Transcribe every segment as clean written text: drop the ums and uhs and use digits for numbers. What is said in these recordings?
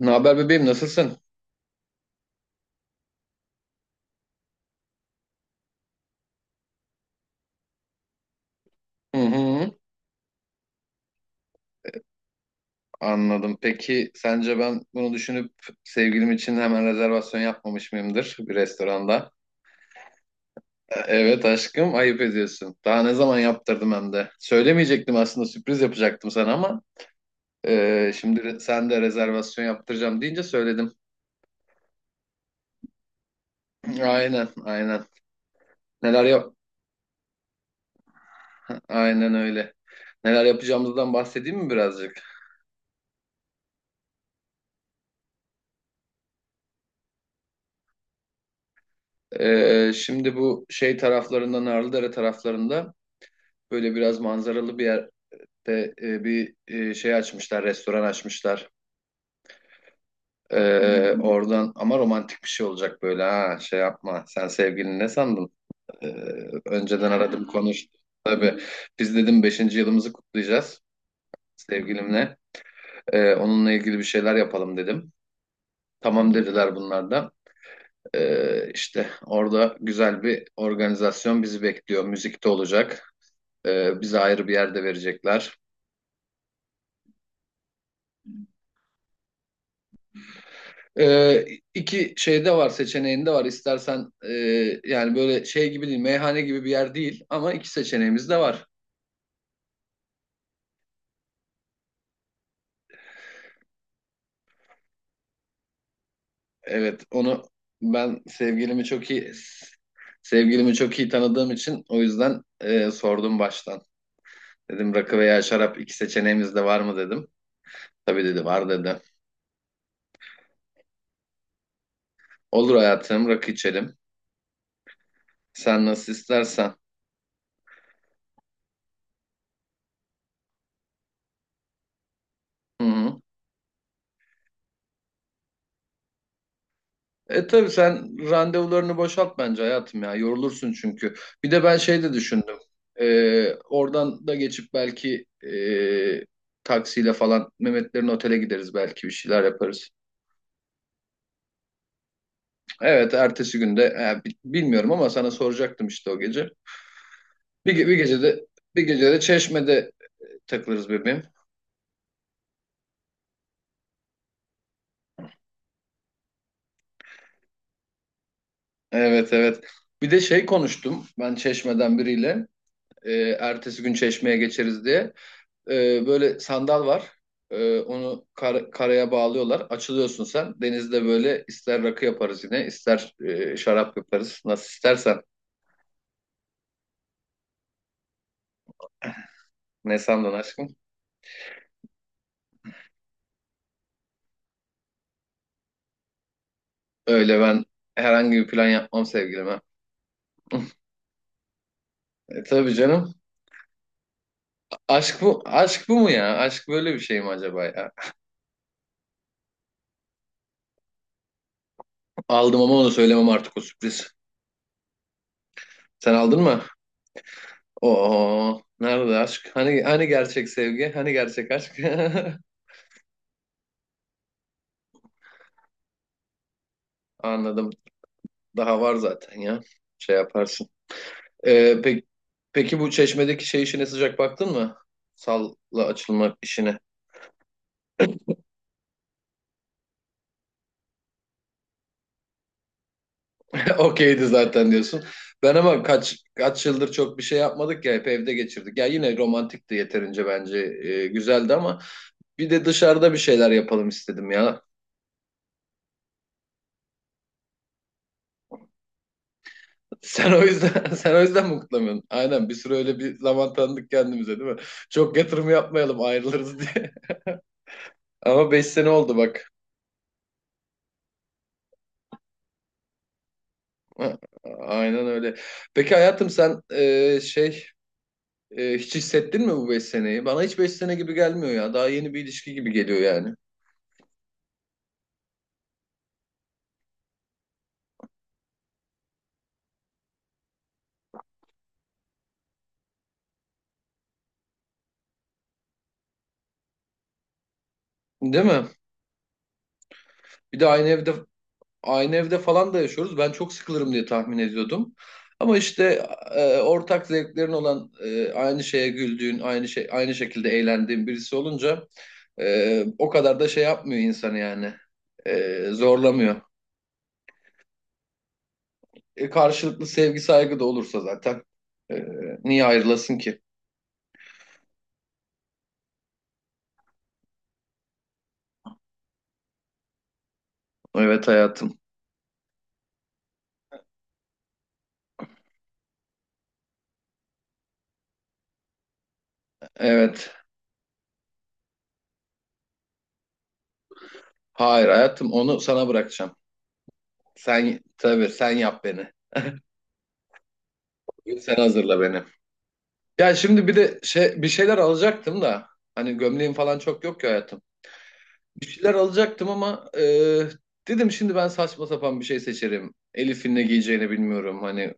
Ne haber bebeğim, nasılsın? Hı hı. Anladım. Peki sence ben bunu düşünüp sevgilim için hemen rezervasyon yapmamış mıyımdır bir restoranda? Evet aşkım, ayıp ediyorsun. Daha ne zaman yaptırdım hem de. Söylemeyecektim aslında, sürpriz yapacaktım sana, ama şimdi sen de rezervasyon yaptıracağım deyince söyledim. Aynen, aynen. Neler yap? Aynen öyle. Neler yapacağımızdan bahsedeyim mi birazcık? Şimdi bu şey taraflarında Narlıdere taraflarında, böyle biraz manzaralı bir yerde bir açmışlar, restoran açmışlar. Hmm. Oradan, ama romantik bir şey olacak böyle. Ha, şey yapma, sen sevgilini ne sandın? Ee, Önceden aradım, Aa, konuştum tabii. Biz, dedim, beşinci yılımızı kutlayacağız sevgilimle. Onunla ilgili bir şeyler yapalım dedim. Tamam dediler bunlar da. İşte orada güzel bir organizasyon bizi bekliyor, müzik de olacak. Bize ayrı bir yerde verecekler. Ee, iki şeyde var, seçeneğinde var. İstersen, yani böyle şey gibi değil, meyhane gibi bir yer değil, ama iki seçeneğimiz de var. Evet, onu ben sevgilimi çok iyi, sevgilimi çok iyi tanıdığım için o yüzden sordum baştan. Dedim rakı veya şarap, iki seçeneğimiz de var mı dedim. Tabii dedi, var dedi. Olur hayatım, rakı içelim. Sen nasıl istersen. Hı hı. E tabii, sen randevularını boşalt bence hayatım ya. Yorulursun çünkü. Bir de ben şey de düşündüm. Oradan da geçip belki taksiyle falan Mehmetlerin otele gideriz, belki bir şeyler yaparız. Evet, ertesi günde bilmiyorum, ama sana soracaktım işte o gece. Bir, ge- bir gecede bir gecede Çeşme'de takılırız bebeğim. Evet, evet. Bir de şey konuştum ben Çeşme'den biriyle. E, Ertesi gün Çeşme'ye geçeriz diye. Böyle sandal var. Onu karaya bağlıyorlar. Açılıyorsun sen. Denizde böyle ister rakı yaparız yine, ister şarap yaparız. Nasıl istersen. Ne sandın aşkım? Öyle, ben herhangi bir plan yapmam sevgilime. E, tabii canım. Aşk bu, aşk bu mu ya? Aşk böyle bir şey mi acaba ya? Aldım, ama onu söylemem, artık o sürpriz. Sen aldın mı? Oo, nerede aşk? Hani, hani gerçek sevgi? Hani gerçek aşk? Anladım. Daha var zaten ya. Şey yaparsın. Ee, peki, peki bu Çeşme'deki şey işine sıcak baktın mı? Salla açılmak işine. Okeydi zaten diyorsun. Ben ama kaç yıldır çok bir şey yapmadık ya, hep evde geçirdik. Ya yine romantikti yeterince bence, güzeldi, ama bir de dışarıda bir şeyler yapalım istedim ya. Sen o yüzden sen o yüzden mi kutlamıyorsun? Aynen, bir süre öyle bir zaman tanıdık kendimize değil mi? Çok yatırım yapmayalım ayrılırız diye. Ama 5 sene oldu bak. Aynen öyle. Peki hayatım sen, hiç hissettin mi bu beş seneyi? Bana hiç 5 sene gibi gelmiyor ya. Daha yeni bir ilişki gibi geliyor yani. Değil mi? Bir de aynı evde aynı evde falan da yaşıyoruz. Ben çok sıkılırım diye tahmin ediyordum. Ama işte ortak zevklerin olan, aynı şeye güldüğün, aynı şekilde eğlendiğin birisi olunca o kadar da şey yapmıyor insan yani. E, zorlamıyor. Karşılıklı sevgi saygı da olursa zaten, e, niye ayrılasın ki? Evet hayatım. Evet. Hayır hayatım, onu sana bırakacağım. Sen, tabii sen yap beni. Sen hazırla beni. Ya şimdi bir de bir şeyler alacaktım da, hani gömleğim falan çok yok ki hayatım. Bir şeyler alacaktım, ama dedim şimdi ben saçma sapan bir şey seçerim. Elif'in ne giyeceğini bilmiyorum. Hani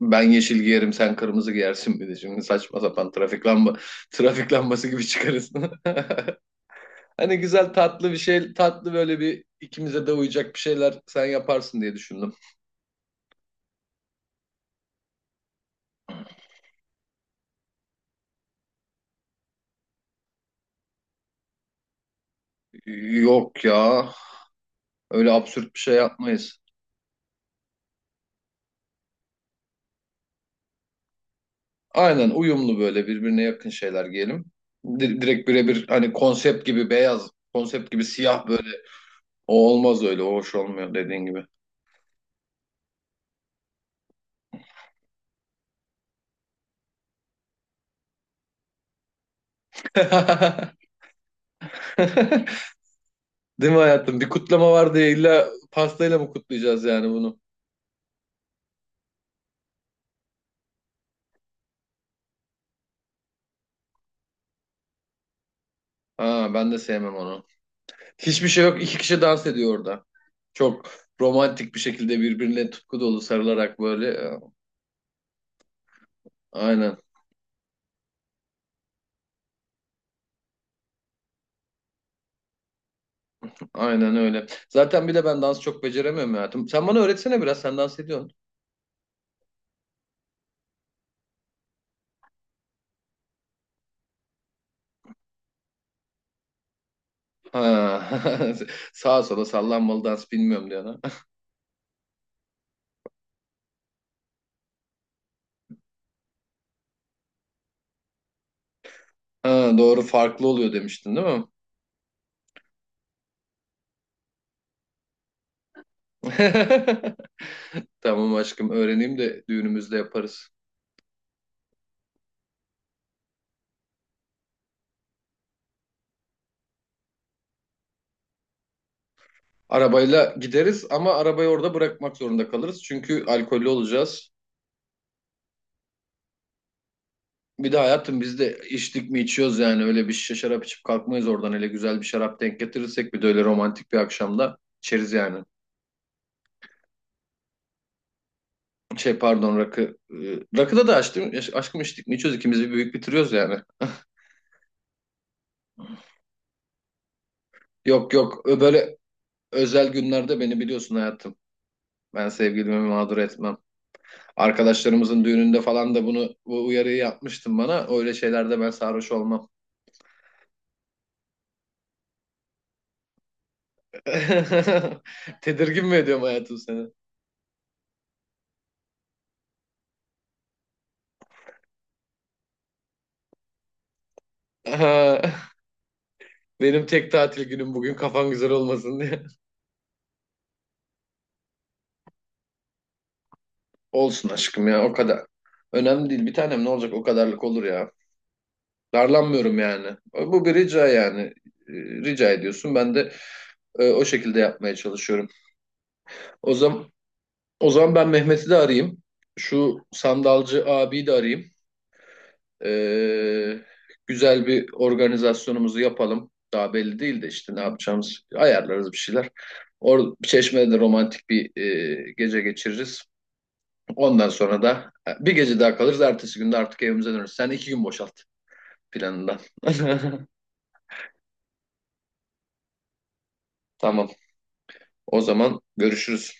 ben yeşil giyerim, sen kırmızı giyersin, bir de şimdi saçma sapan trafik lamba trafik lambası gibi çıkarız. Hani güzel tatlı bir şey, tatlı böyle bir, ikimize de uyacak bir şeyler sen yaparsın diye düşündüm. Yok ya, öyle absürt bir şey yapmayız. Aynen, uyumlu böyle birbirine yakın şeyler giyelim. Direkt birebir hani, konsept gibi beyaz, konsept gibi siyah böyle. O olmaz öyle, o hoş olmuyor dediğin gibi. Değil mi hayatım? Bir kutlama var diye illa pastayla mı kutlayacağız yani bunu? Ha, ben de sevmem onu. Hiçbir şey yok. İki kişi dans ediyor orada. Çok romantik bir şekilde birbirine tutku dolu sarılarak böyle. Aynen, aynen öyle. Zaten bir de ben dans çok beceremiyorum hayatım. Sen bana öğretsene biraz. Sen dans ediyorsun. Ha, sağa sola sallanmalı dans bilmiyorum diyor ana. Ha, doğru, farklı oluyor demiştin değil mi? Tamam aşkım, öğreneyim de düğünümüzde yaparız. Arabayla gideriz, ama arabayı orada bırakmak zorunda kalırız. Çünkü alkollü olacağız. Bir de hayatım biz, de içtik mi içiyoruz yani, öyle bir şişe şarap içip kalkmayız oradan. Hele güzel bir şarap denk getirirsek, bir de öyle romantik bir akşamda, içeriz yani. Şey, pardon, rakı. e, Rakıda da açtım. Aşkım içtik mi içiyoruz, ikimiz bir büyük bitiriyoruz yani. Yok yok, böyle özel günlerde beni biliyorsun hayatım. Ben sevgilimi mağdur etmem. Arkadaşlarımızın düğününde falan da bunu, bu uyarıyı yapmıştım bana. Öyle şeylerde ben sarhoş olmam. Tedirgin mi ediyorum hayatım seni? Aha, benim tek tatil günüm bugün, kafan güzel olmasın diye. Olsun aşkım ya, o kadar. Önemli değil bir tanem, ne olacak o kadarlık, olur ya. Darlanmıyorum yani. Bu bir rica yani. Ee, Rica ediyorsun, ben de o şekilde yapmaya çalışıyorum. O zaman O zaman ben Mehmet'i de arayayım. Şu sandalcı abiyi de arayayım. Ee, Güzel bir organizasyonumuzu yapalım. Daha belli değil de işte ne yapacağımız, ayarlarız bir şeyler. Çeşme'de de romantik bir gece geçiririz. Ondan sonra da bir gece daha kalırız. Ertesi günde artık evimize döneriz. Sen iki gün boşalt planından. Tamam. O zaman görüşürüz.